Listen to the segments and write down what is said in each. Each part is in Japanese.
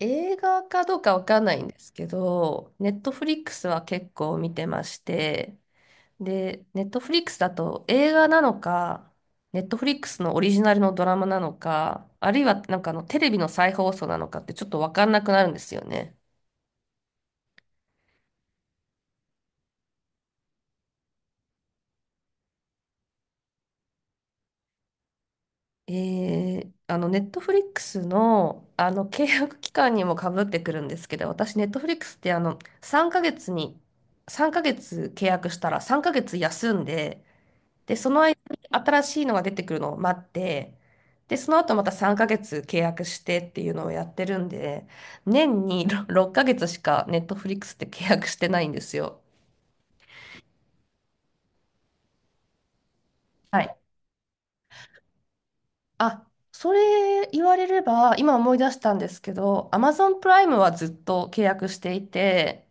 映画かどうかわかんないんですけど、ネットフリックスは結構見てまして、で、ネットフリックスだと映画なのか、ネットフリックスのオリジナルのドラマなのか、あるいはなんかテレビの再放送なのかってちょっとわかんなくなるんですよね。えネットフリックスの、契約期間にもかぶってくるんですけど、私、ネットフリックスって、3ヶ月に、3ヶ月契約したら3ヶ月休んで、で、その間に新しいのが出てくるのを待って、で、その後また3ヶ月契約してっていうのをやってるんで、年に6ヶ月しかネットフリックスって契約してないんですよ。はい。あ、それ言われれば、今思い出したんですけど、Amazon プライムはずっと契約していて、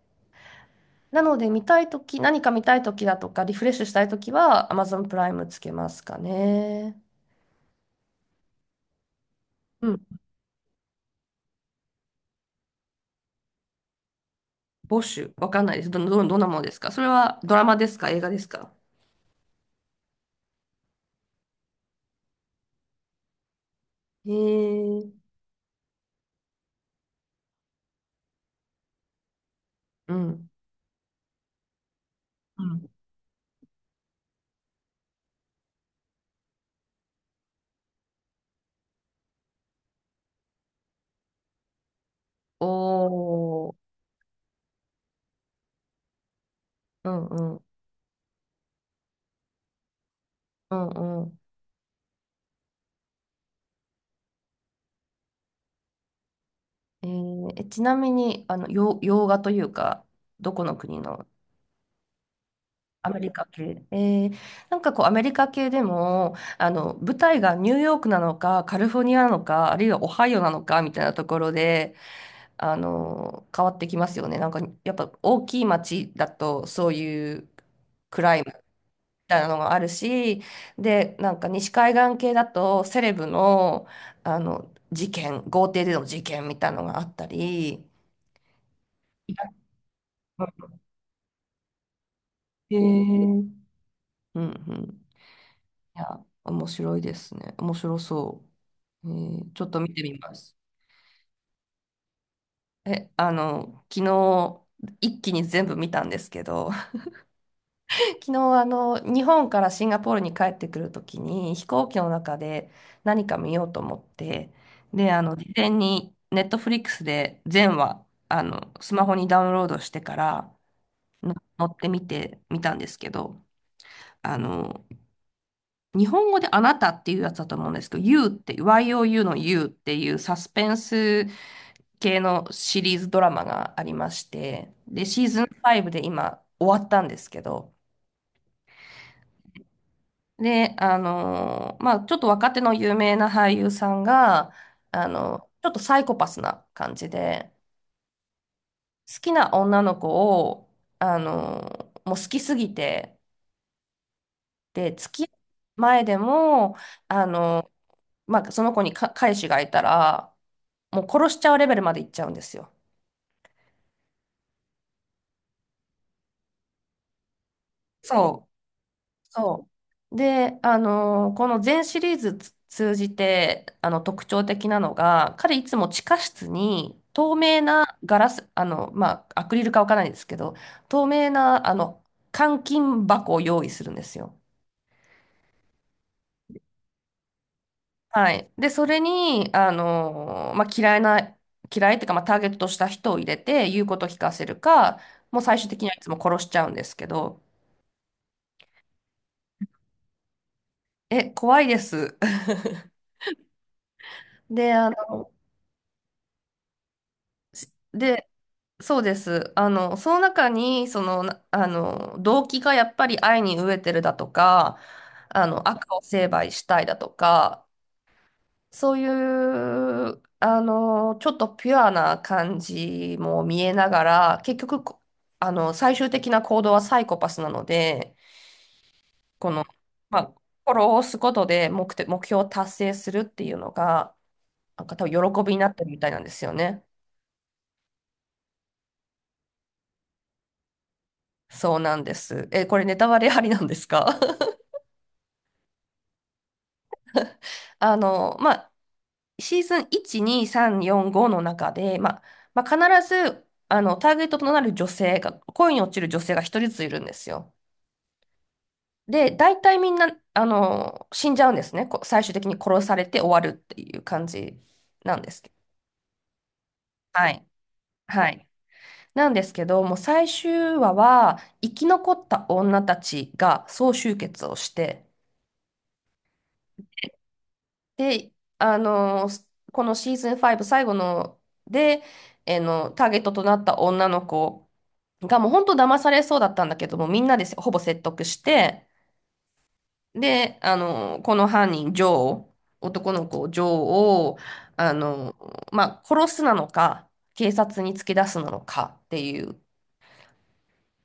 なので見たいとき、何か見たいときだとか、リフレッシュしたいときは Amazon プライムつけますかね。うん。ボッシュ、わかんないです。どんなものですか？それはドラマですか？映画ですか？へえ、うん。うん。おー、うんうん、うんうん。えーえちなみに、洋画というか、どこの国の？アメリカ系。なんかこう、アメリカ系でも、舞台がニューヨークなのか、カリフォルニアなのか、あるいはオハイオなのか、みたいなところで、変わってきますよね。なんか、やっぱ大きい街だと、そういう、クライムたいなのがあるし、で、なんか西海岸系だとセレブの、事件、豪邸での事件みたいなのがあったり。へえ。うんうん。いや、面白いですね。面白そう。ちょっと見てみます。え、昨日、一気に全部見たんですけど、昨日、日本からシンガポールに帰ってくるときに、飛行機の中で何か見ようと思って、で、事前にネットフリックスで全話、スマホにダウンロードしてからの乗ってみてみたんですけど、あの、日本語であなたっていうやつだと思うんですけど、You って、YOU の You っていうサスペンス系のシリーズドラマがありまして、で、シーズン5で今終わったんですけど、で、まあ、ちょっと若手の有名な俳優さんが、ちょっとサイコパスな感じで、好きな女の子を、あのもう好きすぎて、で、付き合う前でも、あのーまあ、その子に彼氏がいたら、もう殺しちゃうレベルまで行っちゃうんですよ。そう。そう。で、この全シリーズ通じて、特徴的なのが、彼いつも地下室に透明なガラス、まあ、アクリルかわからないですけど、透明な、監禁箱を用意するんですよ。はい。で、それに、まあ、嫌いっていうか、まあ、ターゲットとした人を入れて、言うことを聞かせるか、もう最終的にはいつも殺しちゃうんですけど、え、怖いです。で、で、そうです。その中に、動機がやっぱり愛に飢えてるだとか、悪を成敗したいだとか、そういう、ちょっとピュアな感じも見えながら、結局、最終的な行動はサイコパスなので、この、まあ、心を押すことで目的、目標を達成するっていうのが、なんか多分喜びになってるみたいなんですよね。そうなんです。え、これネタバレありなんですか？まあ、シーズン1、2、3、4、5の中で、まあ、必ず、ターゲットとなる女性が、恋に落ちる女性が一人ずついるんですよ。で、大体みんな、死んじゃうんですね。最終的に殺されて終わるっていう感じなんですけど。はい。はい。なんですけど、もう最終話は、生き残った女たちが総集結をして、で、このシーズン5最後ので、えーの、ターゲットとなった女の子がもう本当騙されそうだったんだけども、みんなでほぼ説得して、で、この犯人、ジョー、男の子、ジョーを、あの、まあ、殺すなのか、警察に突き出すなのかっていう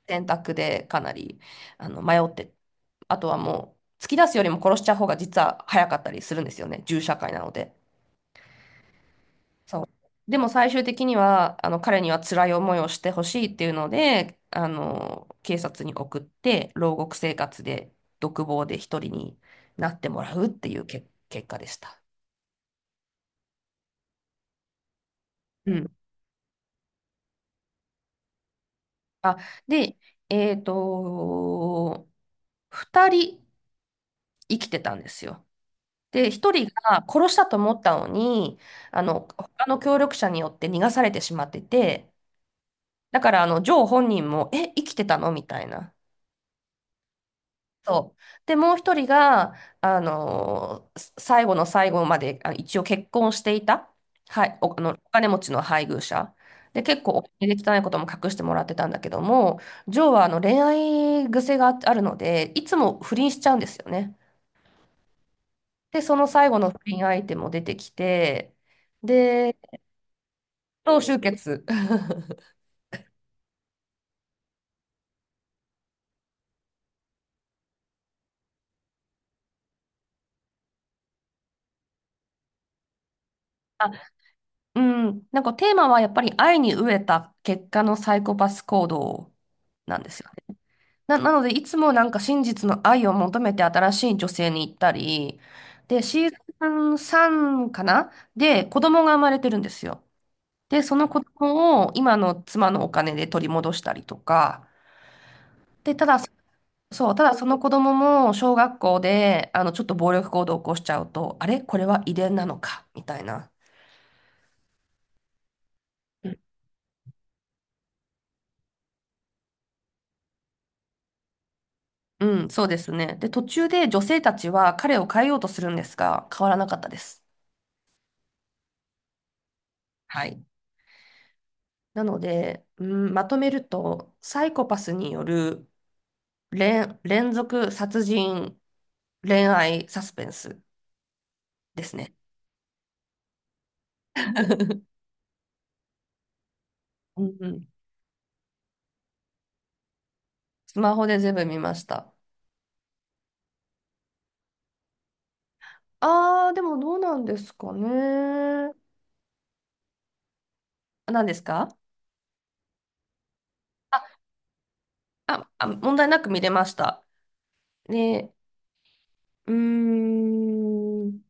選択でかなり、迷って、あとはもう、突き出すよりも殺しちゃう方が実は早かったりするんですよね、銃社会なので。そう。でも最終的には、彼には辛い思いをしてほしいっていうので、警察に送って、牢獄生活で、独房で一人になってもらうっていう結果でした。うん。あ、で、えっと、二人生きてたんですよ。で、一人が殺したと思ったのに、他の協力者によって逃がされてしまってて、だから、ジョー本人も、え、生きてたのみたいな。そう。で、もう一人が、あのーす最後の最後まで、あ、一応結婚していた、はい、お金持ちの配偶者。で、結構お金で汚いことも隠してもらってたんだけども、ジョーはあの恋愛癖があるので、いつも不倫しちゃうんですよね。で、その最後の不倫相手も出てきて、で、同終結。あ、うん、なんかテーマはやっぱり愛に飢えた結果のサイコパス行動なんですよ。なので、いつもなんか真実の愛を求めて新しい女性に行ったり、で、シーズン3かなで、子供が生まれてるんですよ。で、その子供を今の妻のお金で取り戻したりとか、で、ただ、そう、ただその子供も小学校で、ちょっと暴力行動を起こしちゃうと、あれこれは遺伝なのかみたいな。うん、うんそうですね。で、途中で女性たちは彼を変えようとするんですが、変わらなかったです。はい。なので、うん、まとめると、サイコパスによる連続殺人恋愛サスペンスですね。うんうん。スマホで全部見ました。あー、でもどうなんですかね。あ、何ですか？あ、問題なく見れました。で、うーん、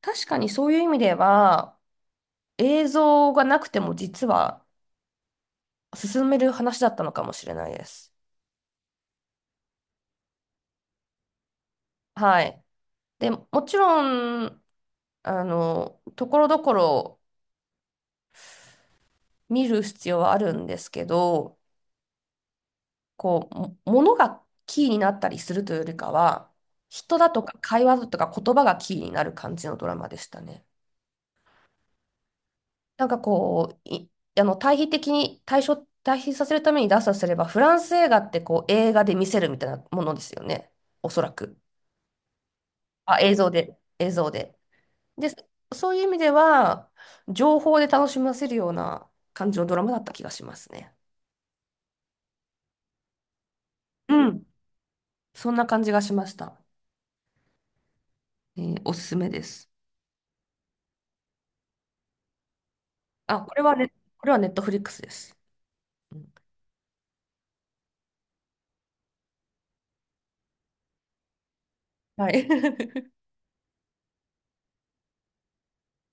確かにそういう意味では、映像がなくても実は進める話だったのかもしれないです。はい。で、もちろん、ところどころ見る必要はあるんですけど、こう、物がキーになったりするというよりかは、人だとか会話だとか言葉がキーになる感じのドラマでしたね。なんかこう、い、あの、対比させるために出すとすれば、フランス映画ってこう映画で見せるみたいなものですよね。おそらく。あ、映像で。映像で。で、そういう意味では、情報で楽しませるような感じのドラマだった気がしますね。うんそんな感じがしました。おすすめです。あ、これはね、これはネットフリックスです。うんはい。